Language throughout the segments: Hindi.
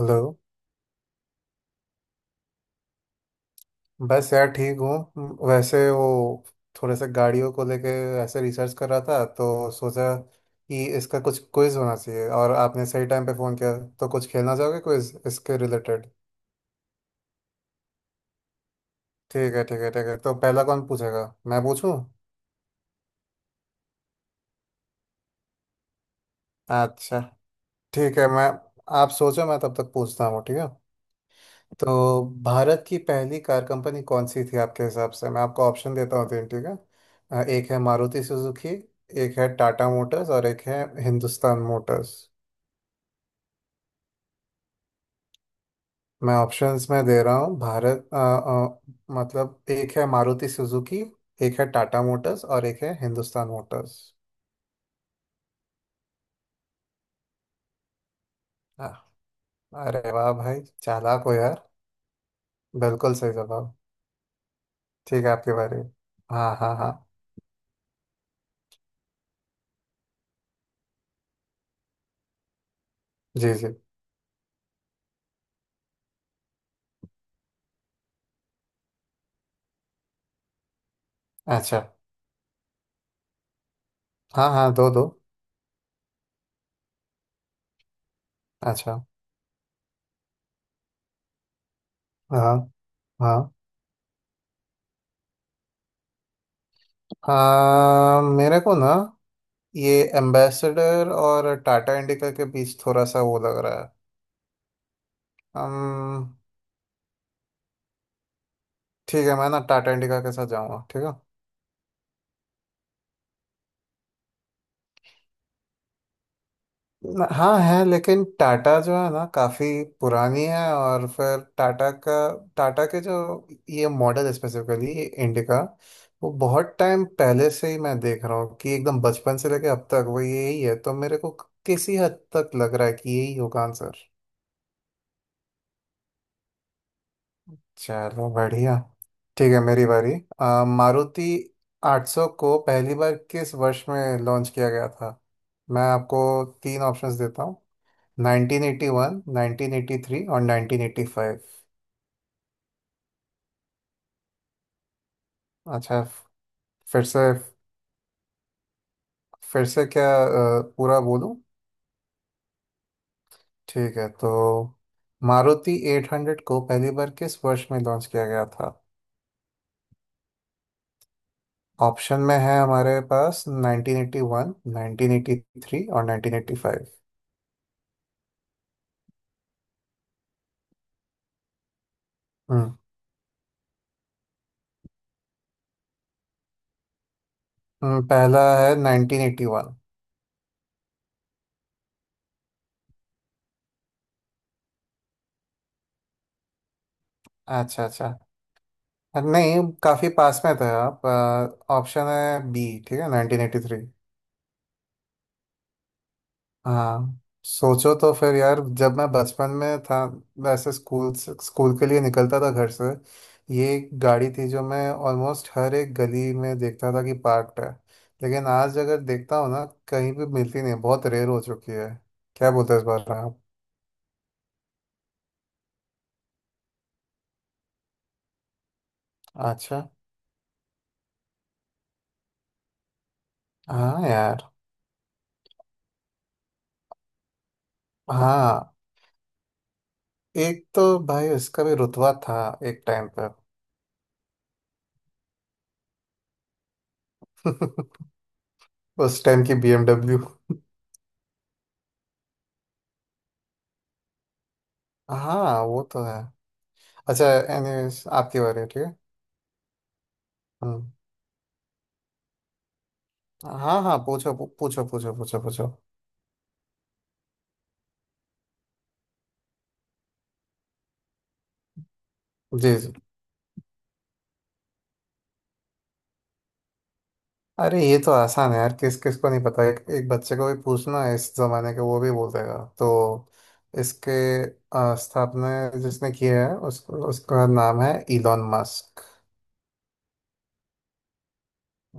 हेलो। बस यार ठीक हूँ। वैसे वो थोड़े से गाड़ियों को लेके ऐसे रिसर्च कर रहा था, तो सोचा कि इसका कुछ क्विज होना चाहिए और आपने सही टाइम पे फ़ोन किया। तो कुछ खेलना चाहोगे क्विज इसके रिलेटेड? ठीक है ठीक है ठीक है। तो पहला कौन पूछेगा, मैं पूछूं? अच्छा। ठीक है। मैं आप सोचो, मैं तब तक पूछता हूँ, ठीक है। तो भारत की पहली कार कंपनी कौन सी थी आपके हिसाब से? मैं आपको ऑप्शन देता हूँ तीन, ठीक है। एक है मारुति सुजुकी, एक है टाटा मोटर्स और एक है हिंदुस्तान मोटर्स। मैं ऑप्शंस में दे रहा हूँ। भारत मतलब एक है मारुति सुजुकी, एक है टाटा मोटर्स और एक है हिंदुस्तान मोटर्स। हाँ। अरे वाह भाई, चालाक हो यार। बिल्कुल सही जवाब। ठीक है आपके बारे में। हाँ हाँ हाँ। जी जी। अच्छा। हाँ हाँ, दो दो। अच्छा। हाँ हाँ हाँ। मेरे को ना, ये एम्बेसडर और टाटा इंडिका के बीच थोड़ा सा वो लग रहा है। हम। ठीक है। मैं ना टाटा इंडिका के साथ जाऊंगा, ठीक है। हाँ है, लेकिन टाटा जो है ना काफ़ी पुरानी है, और फिर टाटा का टाटा के जो ये मॉडल स्पेसिफिकली, ये इंडिका वो बहुत टाइम पहले से ही मैं देख रहा हूँ कि एकदम बचपन से लेके अब तक वो यही है। तो मेरे को किसी हद तक लग रहा है कि यही होगा आंसर। चलो बढ़िया। ठीक है मेरी बारी। मारुति 800 को पहली बार किस वर्ष में लॉन्च किया गया था? मैं आपको तीन ऑप्शंस देता हूँ: 1981, 1983 और 1985। अच्छा। फिर से। क्या पूरा बोलूँ? ठीक है तो मारुति 800 को पहली बार किस वर्ष में लॉन्च किया गया था? ऑप्शन में है हमारे पास 1981, 1983 और 1985। पहला है 1981। अच्छा अच्छा। नहीं काफी पास में थे आप। ऑप्शन है बी, ठीक है, 1983। हाँ। सोचो तो फिर यार, जब मैं बचपन में था, वैसे स्कूल से स्कूल के लिए निकलता था घर से, ये एक गाड़ी थी जो मैं ऑलमोस्ट हर एक गली में देखता था कि पार्क्ड है। लेकिन आज अगर देखता हूँ ना, कहीं भी मिलती नहीं है, बहुत रेयर हो चुकी है। क्या बोलते हैं इस बार आप? अच्छा। हाँ यार। हाँ। एक तो भाई उसका भी रुतबा था एक टाइम पर। उस टाइम की BMW। हाँ वो तो है। अच्छा एनीवेज आपकी बारी है, ठीक है। हम्म। हाँ हाँ, पूछो पूछो, पूछो पूछो पूछो। जी जी। अरे ये तो आसान है यार, किस किस को नहीं पता, एक एक बच्चे को भी पूछना इस जमाने के, वो भी बोल देगा। तो इसके स्थापना जिसने किया है, उसका नाम है इलॉन मस्क।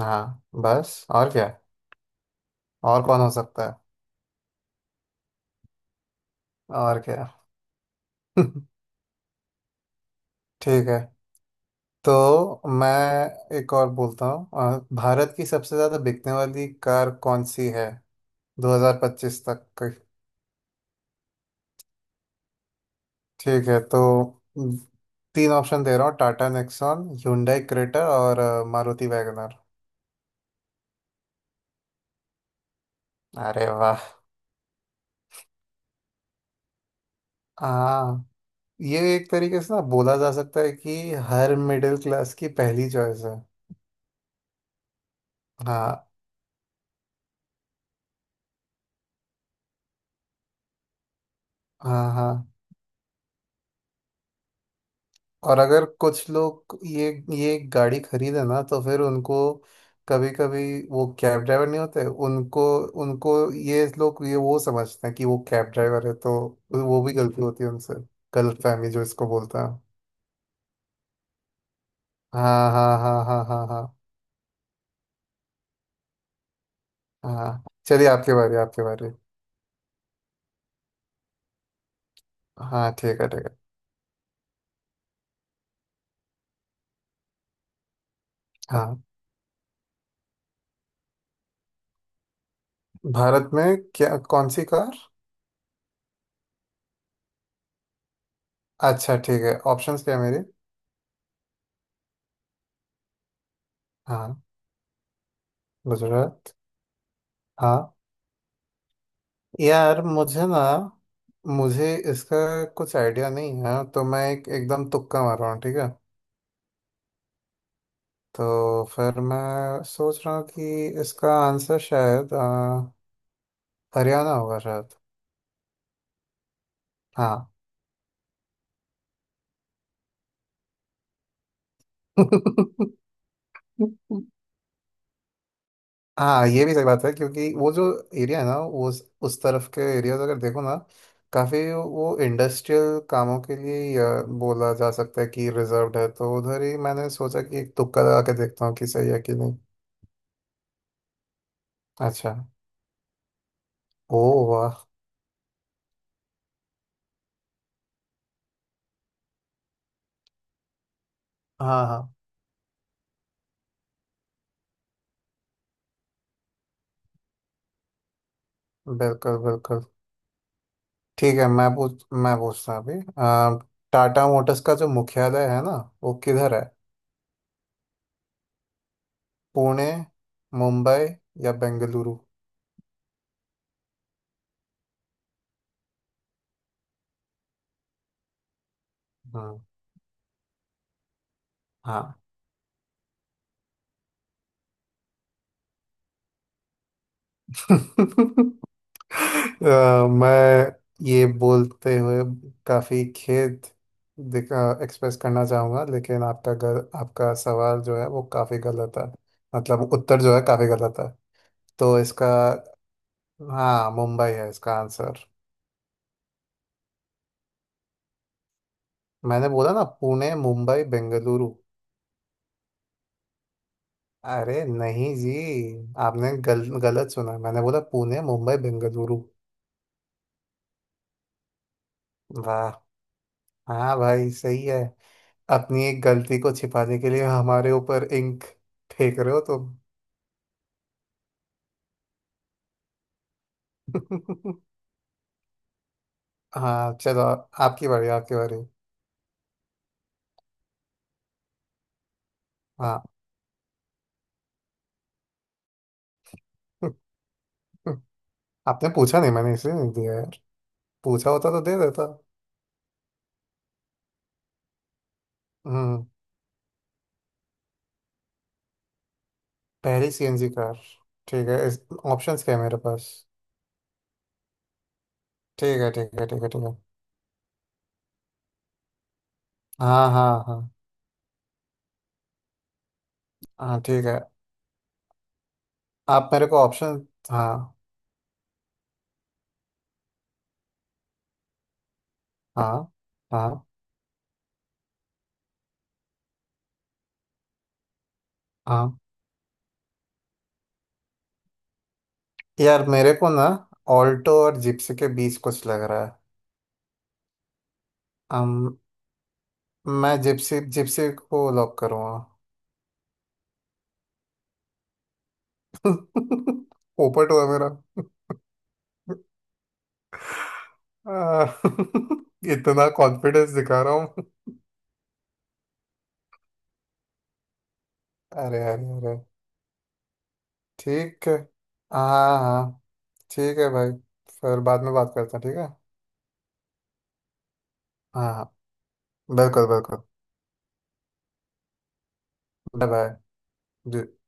हाँ बस और क्या, और कौन हो सकता है, और क्या। ठीक है तो मैं एक और बोलता हूँ। भारत की सबसे ज्यादा बिकने वाली कार कौन सी है 2025 तक की? ठीक है तो म, तीन ऑप्शन दे रहा हूँ: टाटा नेक्सॉन, hyundai क्रेटा और मारुति वैगनर। अरे वाह। हाँ। ये एक तरीके से ना बोला जा सकता है कि हर मिडिल क्लास की पहली चॉइस है। हाँ हाँ हाँ। और अगर कुछ लोग ये गाड़ी खरीदे ना, तो फिर उनको कभी कभी, वो कैब ड्राइवर नहीं होते, उनको उनको ये लोग ये वो समझते हैं कि वो कैब ड्राइवर है, तो वो भी गलती होती है उनसे। गलत फहमी जो इसको बोलते हैं। हाँ हाँ हाँ हाँ हाँ हाँ हाँ। चलिए आपके बारे। हाँ ठीक है ठीक है। हाँ। भारत में? क्या, कौन सी कार? अच्छा ठीक है, ऑप्शंस क्या है मेरे? हाँ गुजरात। हाँ। यार मुझे ना, मुझे इसका कुछ आइडिया नहीं है, तो मैं एक एकदम तुक्का मार रहा हूँ, ठीक है। तो फिर मैं सोच रहा हूँ कि इसका आंसर शायद हरियाणा होगा शायद। हाँ। हाँ ये भी सही बात है, क्योंकि वो जो एरिया है ना, वो उस तरफ के एरियाज अगर देखो ना, काफी वो इंडस्ट्रियल कामों के लिए ही, बोला जा सकता है कि रिजर्व्ड है, तो उधर ही मैंने सोचा कि एक तुक्का लगा के देखता हूँ कि सही है कि नहीं। अच्छा। ओ वाह। हाँ हाँ। बिल्कुल बिल्कुल। ठीक है। मैं पूछता हूँ अभी। टाटा मोटर्स का जो मुख्यालय है ना, वो किधर है? पुणे, मुंबई या बेंगलुरु? हम्म, हाँ। अ, मैं ये बोलते हुए काफी खेद एक्सप्रेस करना चाहूंगा, लेकिन आपका आपका सवाल जो है वो काफी गलत है, मतलब उत्तर जो है काफी गलत है। तो इसका, हाँ मुंबई है इसका आंसर। मैंने बोला ना पुणे मुंबई बेंगलुरु। अरे नहीं जी, आपने गलत सुना। मैंने बोला पुणे मुंबई बेंगलुरु। वाह। हाँ भाई सही है, अपनी एक गलती को छिपाने के लिए हमारे ऊपर इंक फेंक रहे हो तुम। हाँ चलो, आपकी बारी आपकी बारी। हाँ। आपने पूछा नहीं मैंने, इसलिए नहीं दिया यार, पूछा होता तो दे देता। हम्म। पहली सीएनजी कार। ठीक है इस ऑप्शंस क्या है मेरे पास? ठीक है ठीक है ठीक है ठीक है। हाँ हाँ हाँ हाँ। ठीक है आप मेरे को ऑप्शन, हाँ। हाँ हाँ हाँ। यार मेरे को ना, ऑल्टो और जिप्सी के बीच कुछ लग रहा है। अम, मैं जिप्सी जिप्सी को लॉक करूँगा। पोपट हुआ मेरा। आ, इतना कॉन्फिडेंस दिखा रहा हूँ। अरे अरे अरे। ठीक है। हाँ हाँ। ठीक है भाई, फिर बाद में बात करते हैं, ठीक है। हाँ हाँ। बिल्कुल बिल्कुल। बाय। बाय।